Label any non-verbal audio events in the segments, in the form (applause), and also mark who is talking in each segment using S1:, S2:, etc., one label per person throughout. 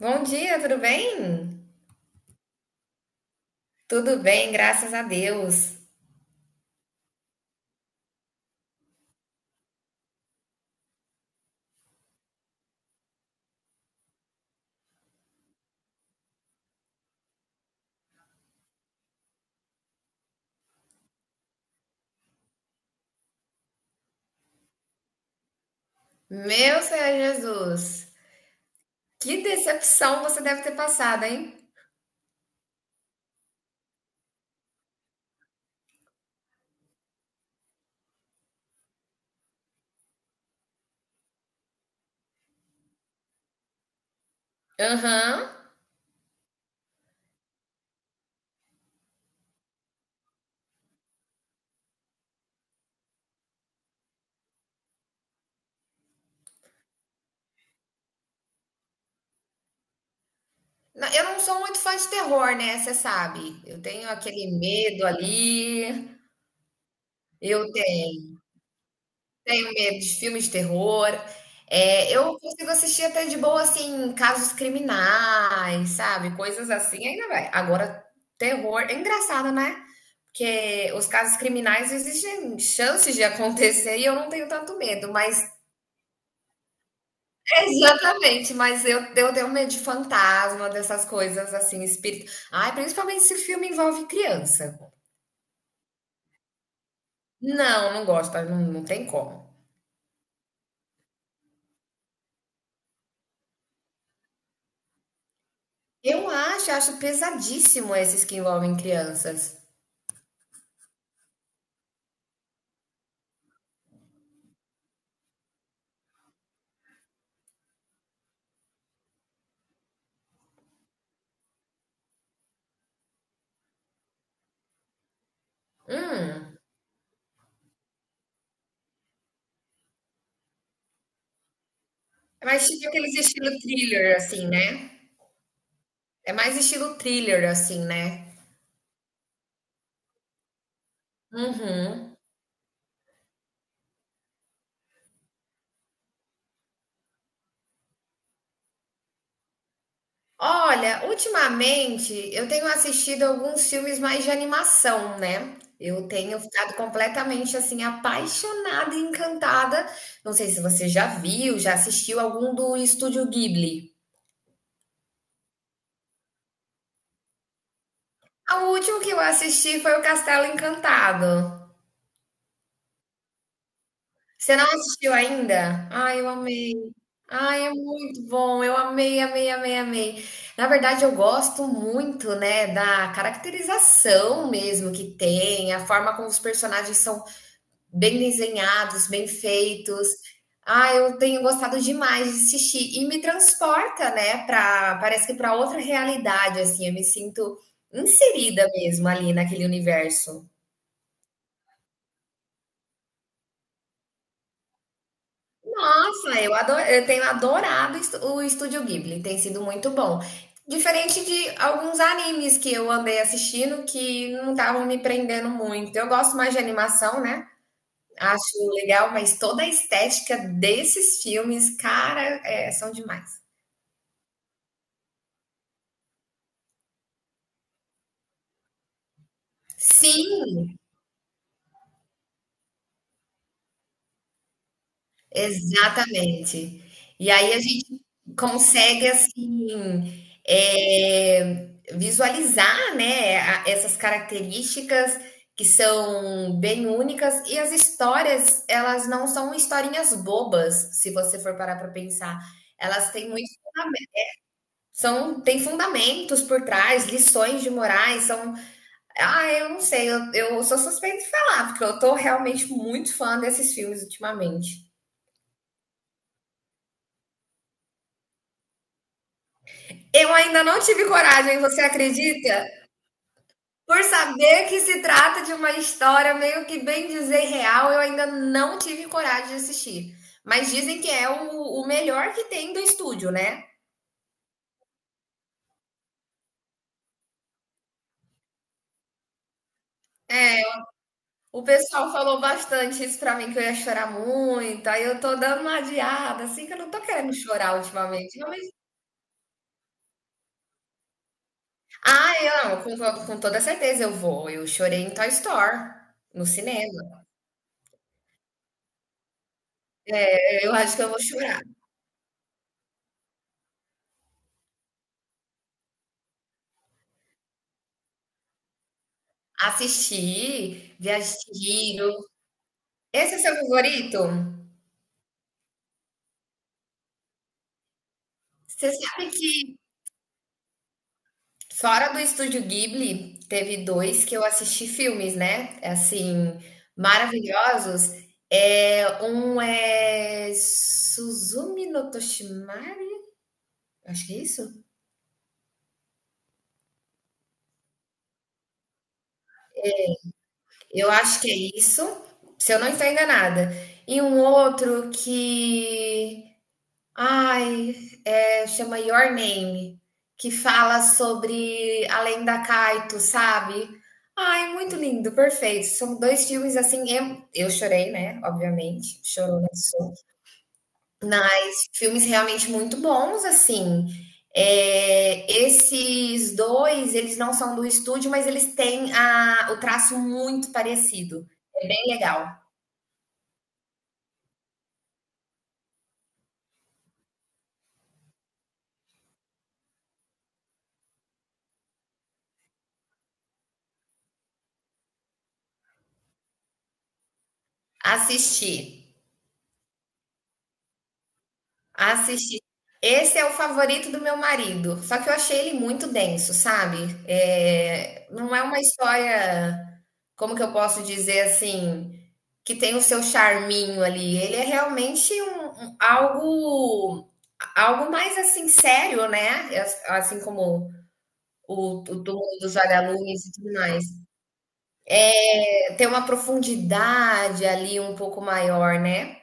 S1: Bom dia, tudo bem? Tudo bem, graças a Deus. Meu Senhor Jesus, que decepção você deve ter passado, hein? Aham. Não, eu não sou muito fã de terror, né? Você sabe, eu tenho aquele medo ali. Eu tenho medo de filmes de terror. É, eu consigo assistir até de boa, assim, casos criminais, sabe? Coisas assim, ainda vai. Agora, terror é engraçado, né? Porque os casos criminais existem chances de acontecer e eu não tenho tanto medo, mas (laughs) exatamente, mas eu tenho medo de fantasma, dessas coisas assim, espírito. Ai, principalmente se o filme envolve criança. Não, não gosto, não, não tem como. Eu acho, acho pesadíssimo esses que envolvem crianças. Hum, é mais tipo aqueles estilo thriller, assim, né? É mais estilo thriller, assim, né? Uhum. Olha, ultimamente eu tenho assistido alguns filmes mais de animação, né? Eu tenho ficado completamente assim apaixonada e encantada. Não sei se você já viu, já assistiu algum do Estúdio Ghibli. O último que eu assisti foi o Castelo Encantado. Você não assistiu ainda? Ai, eu amei. Ai, é muito bom. Eu amei, amei, amei, amei. Na verdade, eu gosto muito, né, da caracterização mesmo que tem, a forma como os personagens são bem desenhados, bem feitos. Ah, eu tenho gostado demais de assistir e me transporta, né, para parece que para outra realidade assim, eu me sinto inserida mesmo ali naquele universo. Nossa, eu tenho o Estúdio Ghibli, tem sido muito bom. Diferente de alguns animes que eu andei assistindo que não estavam me prendendo muito. Eu gosto mais de animação, né? Acho legal, mas toda a estética desses filmes, cara, é, são demais. Sim, exatamente. E aí a gente consegue assim, visualizar, né, a- essas características que são bem únicas, e as histórias, elas não são historinhas bobas, se você for parar para pensar. Elas têm muito, são, tem fundamentos por trás, lições de morais, são, ah, eu não sei, eu sou suspeita de falar, porque eu tô realmente muito fã desses filmes ultimamente. Eu ainda não tive coragem, você acredita? Por saber que se trata de uma história meio que bem dizer real, eu ainda não tive coragem de assistir. Mas dizem que é o melhor que tem do estúdio, né? O pessoal falou bastante isso pra mim, que eu ia chorar muito, aí eu tô dando uma adiada, assim, que eu não tô querendo chorar ultimamente. Não, mas... Ah, eu não, com toda certeza eu vou. Eu chorei em Toy Story, no cinema. Eu acho que eu vou chorar. Assisti, vi as... Esse é seu favorito? Você sabe que fora do Estúdio Ghibli, teve dois que eu assisti filmes, né? Assim, maravilhosos. É, um é Suzumi no Toshimari? Acho que é isso? Eu acho que é isso, se eu não estou enganada. E um outro que... Ai, é, chama Your Name, que fala sobre além da Kaito, sabe? Ai, muito lindo, perfeito. São dois filmes assim, eu chorei, né? Obviamente, chorou, não sou. Mas filmes realmente muito bons, assim. É, esses dois, eles não são do estúdio, mas eles têm a, o traço muito parecido. É bem legal. Assistir. Assisti. Esse é o favorito do meu marido, só que eu achei ele muito denso, sabe? É, não é uma história, como que eu posso dizer assim, que tem o seu charminho ali. Ele é realmente um, algo algo mais assim sério, né? Assim como o túmulo dos vagalumes e tudo mais. Tem uma profundidade ali um pouco maior, né?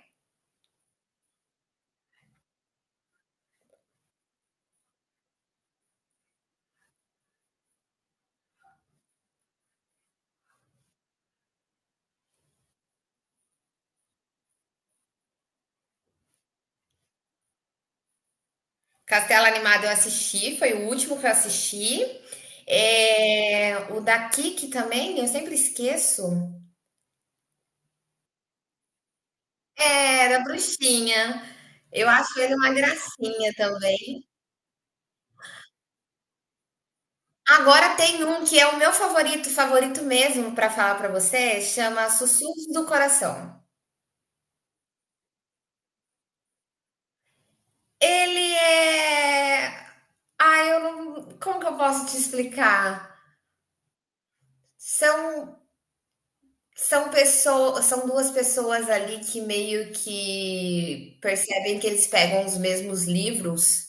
S1: Castelo Animado eu assisti, foi o último que eu assisti. É, o da Kiki também, eu sempre esqueço. Era Bruxinha. Eu acho ele uma gracinha também. Agora tem um que é o meu favorito, favorito mesmo pra falar pra você, chama Sussurros do Coração. Ele é. Ah, eu não. Como que eu posso te explicar? São... São pessoas, são 2 pessoas ali que meio que percebem que eles pegam os mesmos livros,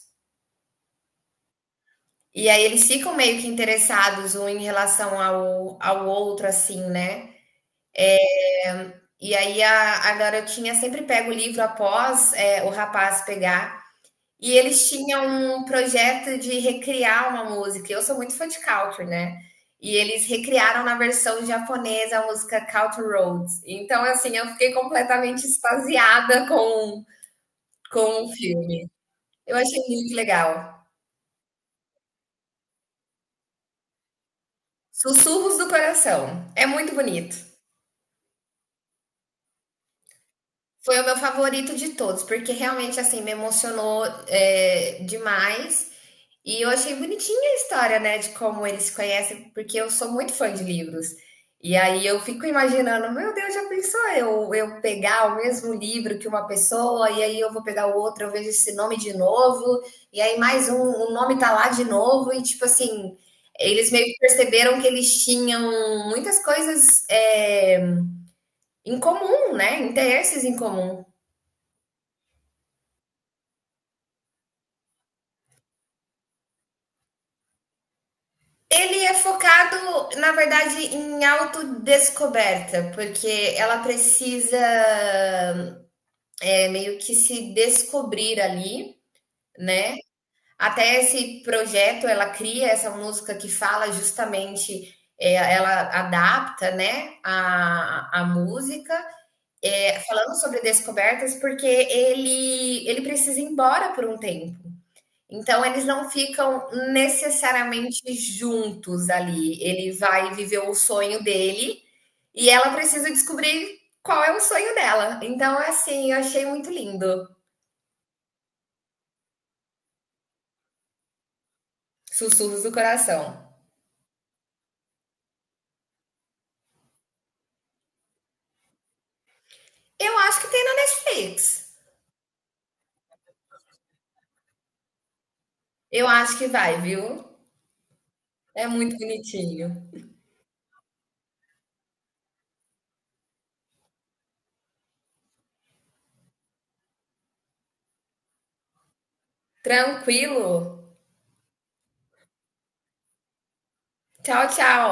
S1: e aí eles ficam meio que interessados um em relação ao outro, assim, né. E aí a garotinha sempre pega o livro após, o rapaz pegar. E eles tinham um projeto de recriar uma música. Eu sou muito fã de country, né? E eles recriaram na versão japonesa a música Country Roads. Então, assim, eu fiquei completamente extasiada com o filme. Eu achei muito legal. Sussurros do Coração. É muito bonito. Foi o meu favorito de todos, porque realmente, assim, me emocionou é, demais. E eu achei bonitinha a história, né, de como eles se conhecem, porque eu sou muito fã de livros. E aí eu fico imaginando, meu Deus, já pensou eu pegar o mesmo livro que uma pessoa, e aí eu vou pegar o outro, eu vejo esse nome de novo, e aí mais um, o nome tá lá de novo, e tipo assim, eles meio que perceberam que eles tinham muitas coisas, em comum, né? Interesses em comum. Ele é focado, na verdade, em autodescoberta, porque ela precisa é, meio que se descobrir ali, né? Até esse projeto, ela cria essa música que fala justamente, é, ela adapta, né, a música, é, falando sobre descobertas, porque ele precisa ir embora por um tempo. Então eles não ficam necessariamente juntos ali. Ele vai viver o sonho dele e ela precisa descobrir qual é o sonho dela. Então, assim, eu achei muito lindo. Sussurros do Coração. Eu acho que tem na Netflix. Eu acho que vai, viu? É muito bonitinho. Tranquilo. Tchau, tchau.